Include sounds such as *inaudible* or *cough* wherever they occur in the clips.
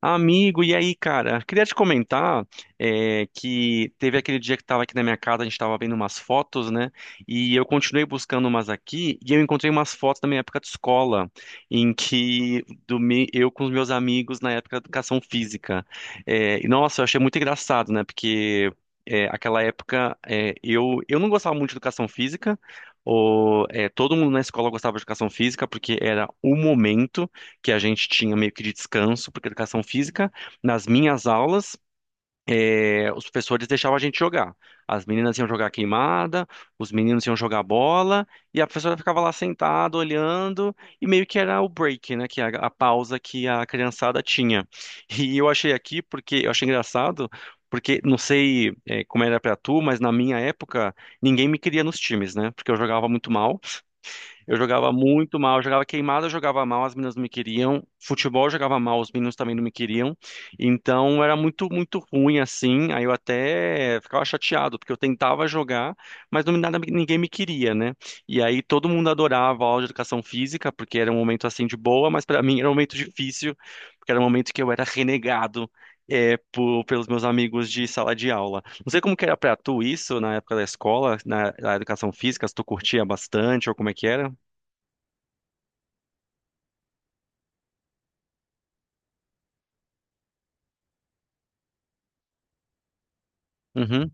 Amigo, e aí, cara? Queria te comentar que teve aquele dia que estava aqui na minha casa, a gente estava vendo umas fotos, né? E eu continuei buscando umas aqui e eu encontrei umas fotos da minha época de escola, em que eu com os meus amigos na época da educação física. E nossa, eu achei muito engraçado, né? Porque aquela época eu não gostava muito de educação física. Ou, todo mundo na escola gostava de educação física porque era o momento que a gente tinha meio que de descanso, porque educação física, nas minhas aulas, os professores deixavam a gente jogar. As meninas iam jogar queimada, os meninos iam jogar bola, e a professora ficava lá sentada, olhando, e meio que era o break, né, que a pausa que a criançada tinha. *laughs* E eu achei aqui, porque eu achei engraçado, porque não sei, como era pra tu, mas na minha época, ninguém me queria nos times, né, porque eu jogava muito mal. Eu jogava muito mal, eu jogava queimada, eu jogava mal, as meninas não me queriam. Futebol eu jogava mal, os meninos também não me queriam. Então era muito, muito ruim assim. Aí eu até ficava chateado, porque eu tentava jogar, mas não, nada, ninguém me queria, né? E aí todo mundo adorava a aula de educação física, porque era um momento assim de boa, mas para mim era um momento difícil, porque era um momento que eu era renegado. Pelos meus amigos de sala de aula. Não sei como que era pra tu isso na época da escola, na, na educação física, se tu curtia bastante ou como é que era. Uhum,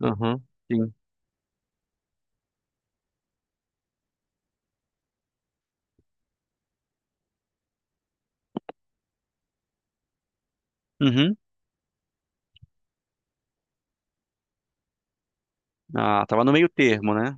uhum, sim. Uhum. Ah, tava no meio termo, né?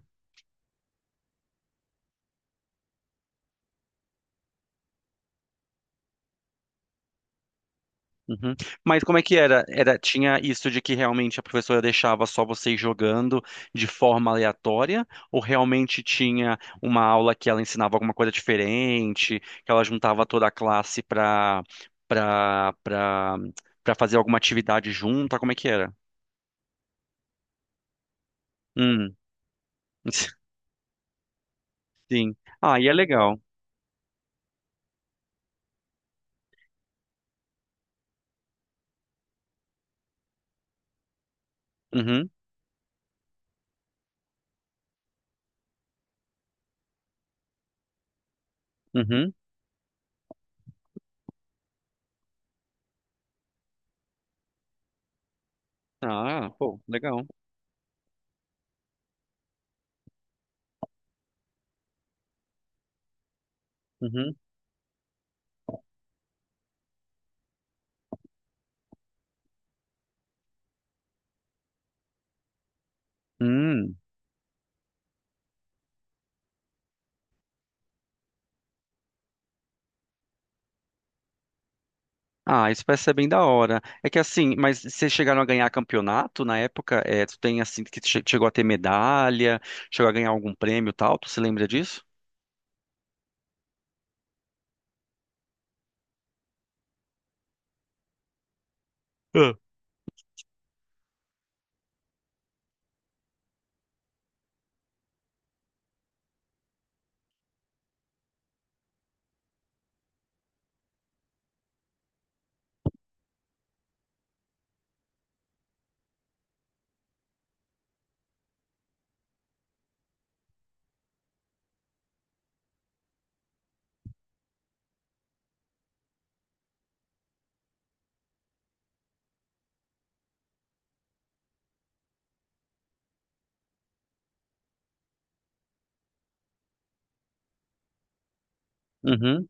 Uhum. Mas como é que era? Era, tinha isso de que realmente a professora deixava só vocês jogando de forma aleatória? Ou realmente tinha uma aula que ela ensinava alguma coisa diferente, que ela juntava toda a classe pra, pra, pra, pra fazer alguma atividade junta? Como é que era? Hum, *laughs* sim. Ah, e é legal. Uhum, uhum. Ah, pô, legal. Uhum. Hum. Ah, isso parece ser bem da hora. É que assim, mas vocês chegaram a ganhar campeonato na época? É, tu tem assim que chegou a ter medalha, chegou a ganhar algum prêmio e tal? Tu se lembra disso? Ah. Uhum.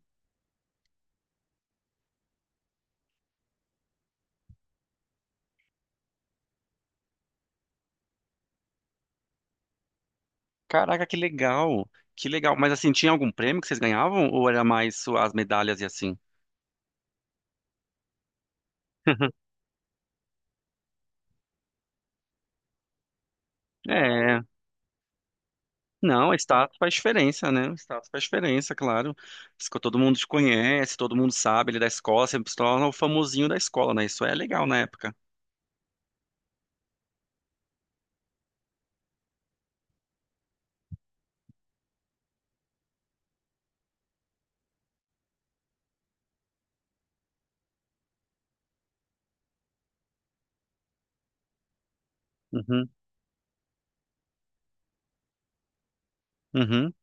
Caraca, que legal. Que legal. Mas assim, tinha algum prêmio que vocês ganhavam ou era mais só as medalhas e assim? *laughs* É, não, status faz diferença, né? Status faz diferença, claro. Isso que todo mundo te conhece, todo mundo sabe, ele é da escola, sempre se torna o famosinho da escola, né? Isso é legal na época. Uhum, uhum,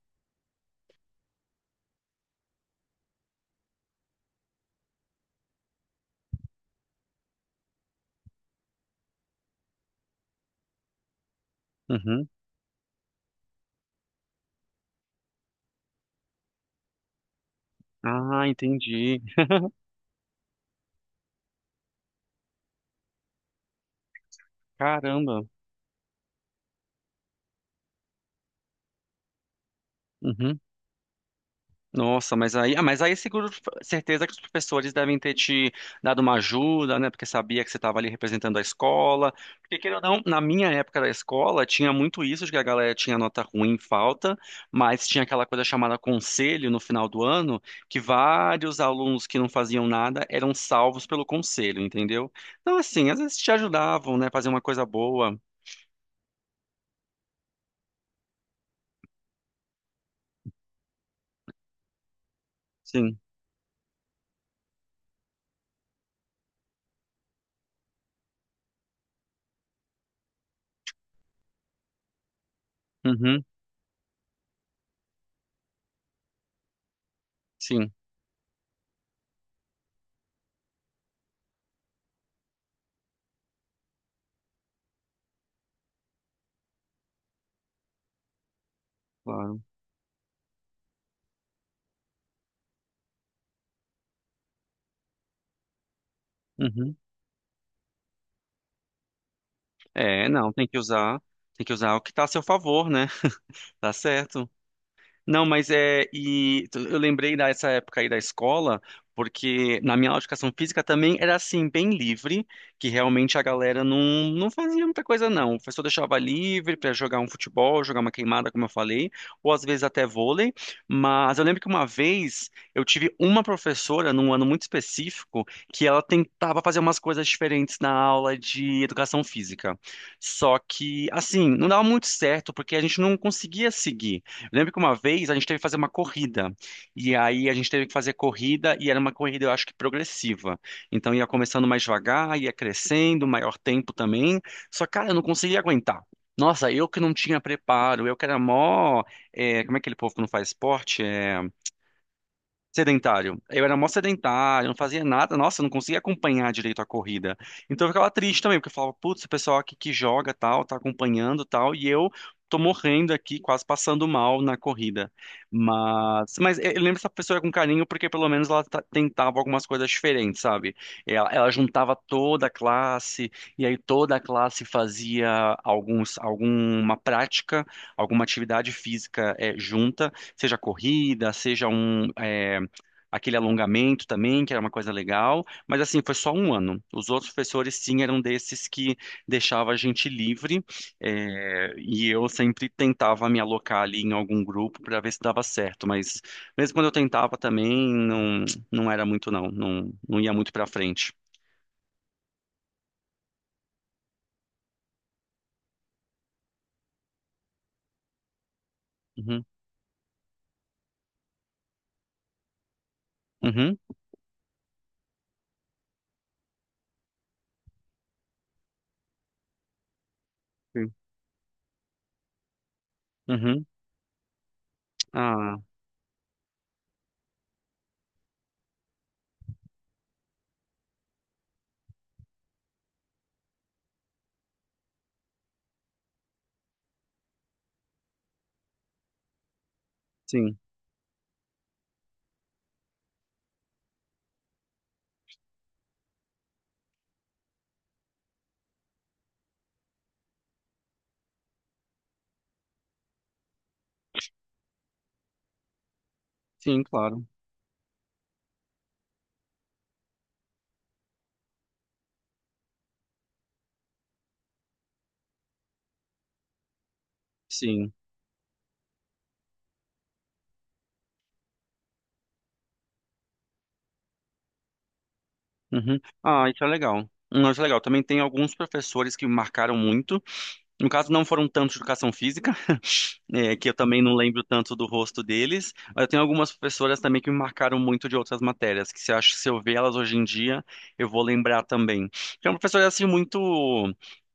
uhum. Ah, entendi. Caramba. Uhum. Nossa, mas aí, ah, mas aí é seguro, certeza que os professores devem ter te dado uma ajuda, né? Porque sabia que você estava ali representando a escola. Porque, queira ou não, na minha época da escola, tinha muito isso de que a galera tinha nota ruim, falta, mas tinha aquela coisa chamada conselho no final do ano, que vários alunos que não faziam nada eram salvos pelo conselho, entendeu? Então, assim, às vezes te ajudavam, né? Fazer uma coisa boa. Sim. Uhum. Sim, claro. Uhum. É, não, tem que usar o que está a seu favor, né? *laughs* Tá certo. Não, mas é. E tu- eu lembrei dessa época aí da escola, porque na minha aula de educação física também era assim, bem livre, que realmente a galera não, não fazia muita coisa, não. O professor deixava livre para jogar um futebol, jogar uma queimada, como eu falei, ou às vezes até vôlei. Mas eu lembro que uma vez eu tive uma professora, num ano muito específico, que ela tentava fazer umas coisas diferentes na aula de educação física. Só que, assim, não dava muito certo, porque a gente não conseguia seguir. Eu lembro que uma vez a gente teve que fazer uma corrida. E aí a gente teve que fazer corrida e era uma corrida, eu acho que progressiva. Então ia começando mais devagar, ia crescendo, maior tempo também. Só, cara, eu não conseguia aguentar. Nossa, eu que não tinha preparo, eu que era mó. Como é aquele povo que não faz esporte? É, sedentário. Eu era mó sedentário, não fazia nada. Nossa, eu não conseguia acompanhar direito a corrida. Então eu ficava triste também, porque eu falava, putz, o pessoal aqui que joga tal, tá acompanhando tal, e eu tô morrendo aqui, quase passando mal na corrida. Mas eu lembro dessa pessoa com carinho, porque pelo menos ela tentava algumas coisas diferentes, sabe? Ela juntava toda a classe, e aí toda a classe fazia alguns, alguma prática, alguma atividade física junta, seja corrida, seja um. Aquele alongamento também, que era uma coisa legal, mas assim, foi só um ano. Os outros professores, sim, eram desses que deixava a gente livre, é, e eu sempre tentava me alocar ali em algum grupo para ver se dava certo, mas mesmo quando eu tentava também, não, não, era muito não, não ia muito para frente. Uhum, uhum, sim, uhum. Ah, sim, sim, claro, sim. Uhum. Ah, isso é legal. Isso é legal. Também tem alguns professores que me marcaram muito. No caso, não foram tanto de educação física, *laughs* é, que eu também não lembro tanto do rosto deles, mas eu tenho algumas professoras também que me marcaram muito de outras matérias, que se eu, acho, se eu ver elas hoje em dia, eu vou lembrar também. São professoras, assim, muito,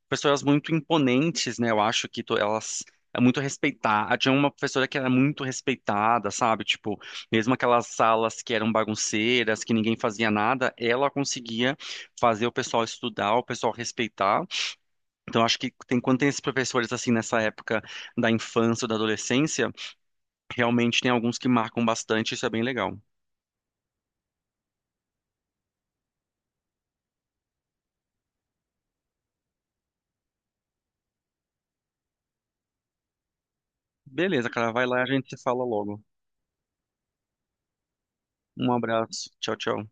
professoras muito imponentes, né? Eu acho que elas. É muito respeitada. Tinha uma professora que era muito respeitada, sabe? Tipo, mesmo aquelas salas que eram bagunceiras, que ninguém fazia nada, ela conseguia fazer o pessoal estudar, o pessoal respeitar. Então, acho que tem, quando tem esses professores assim nessa época da infância ou da adolescência, realmente tem alguns que marcam bastante, isso é bem legal. Beleza, cara, vai lá e a gente se fala logo. Um abraço. Tchau, tchau.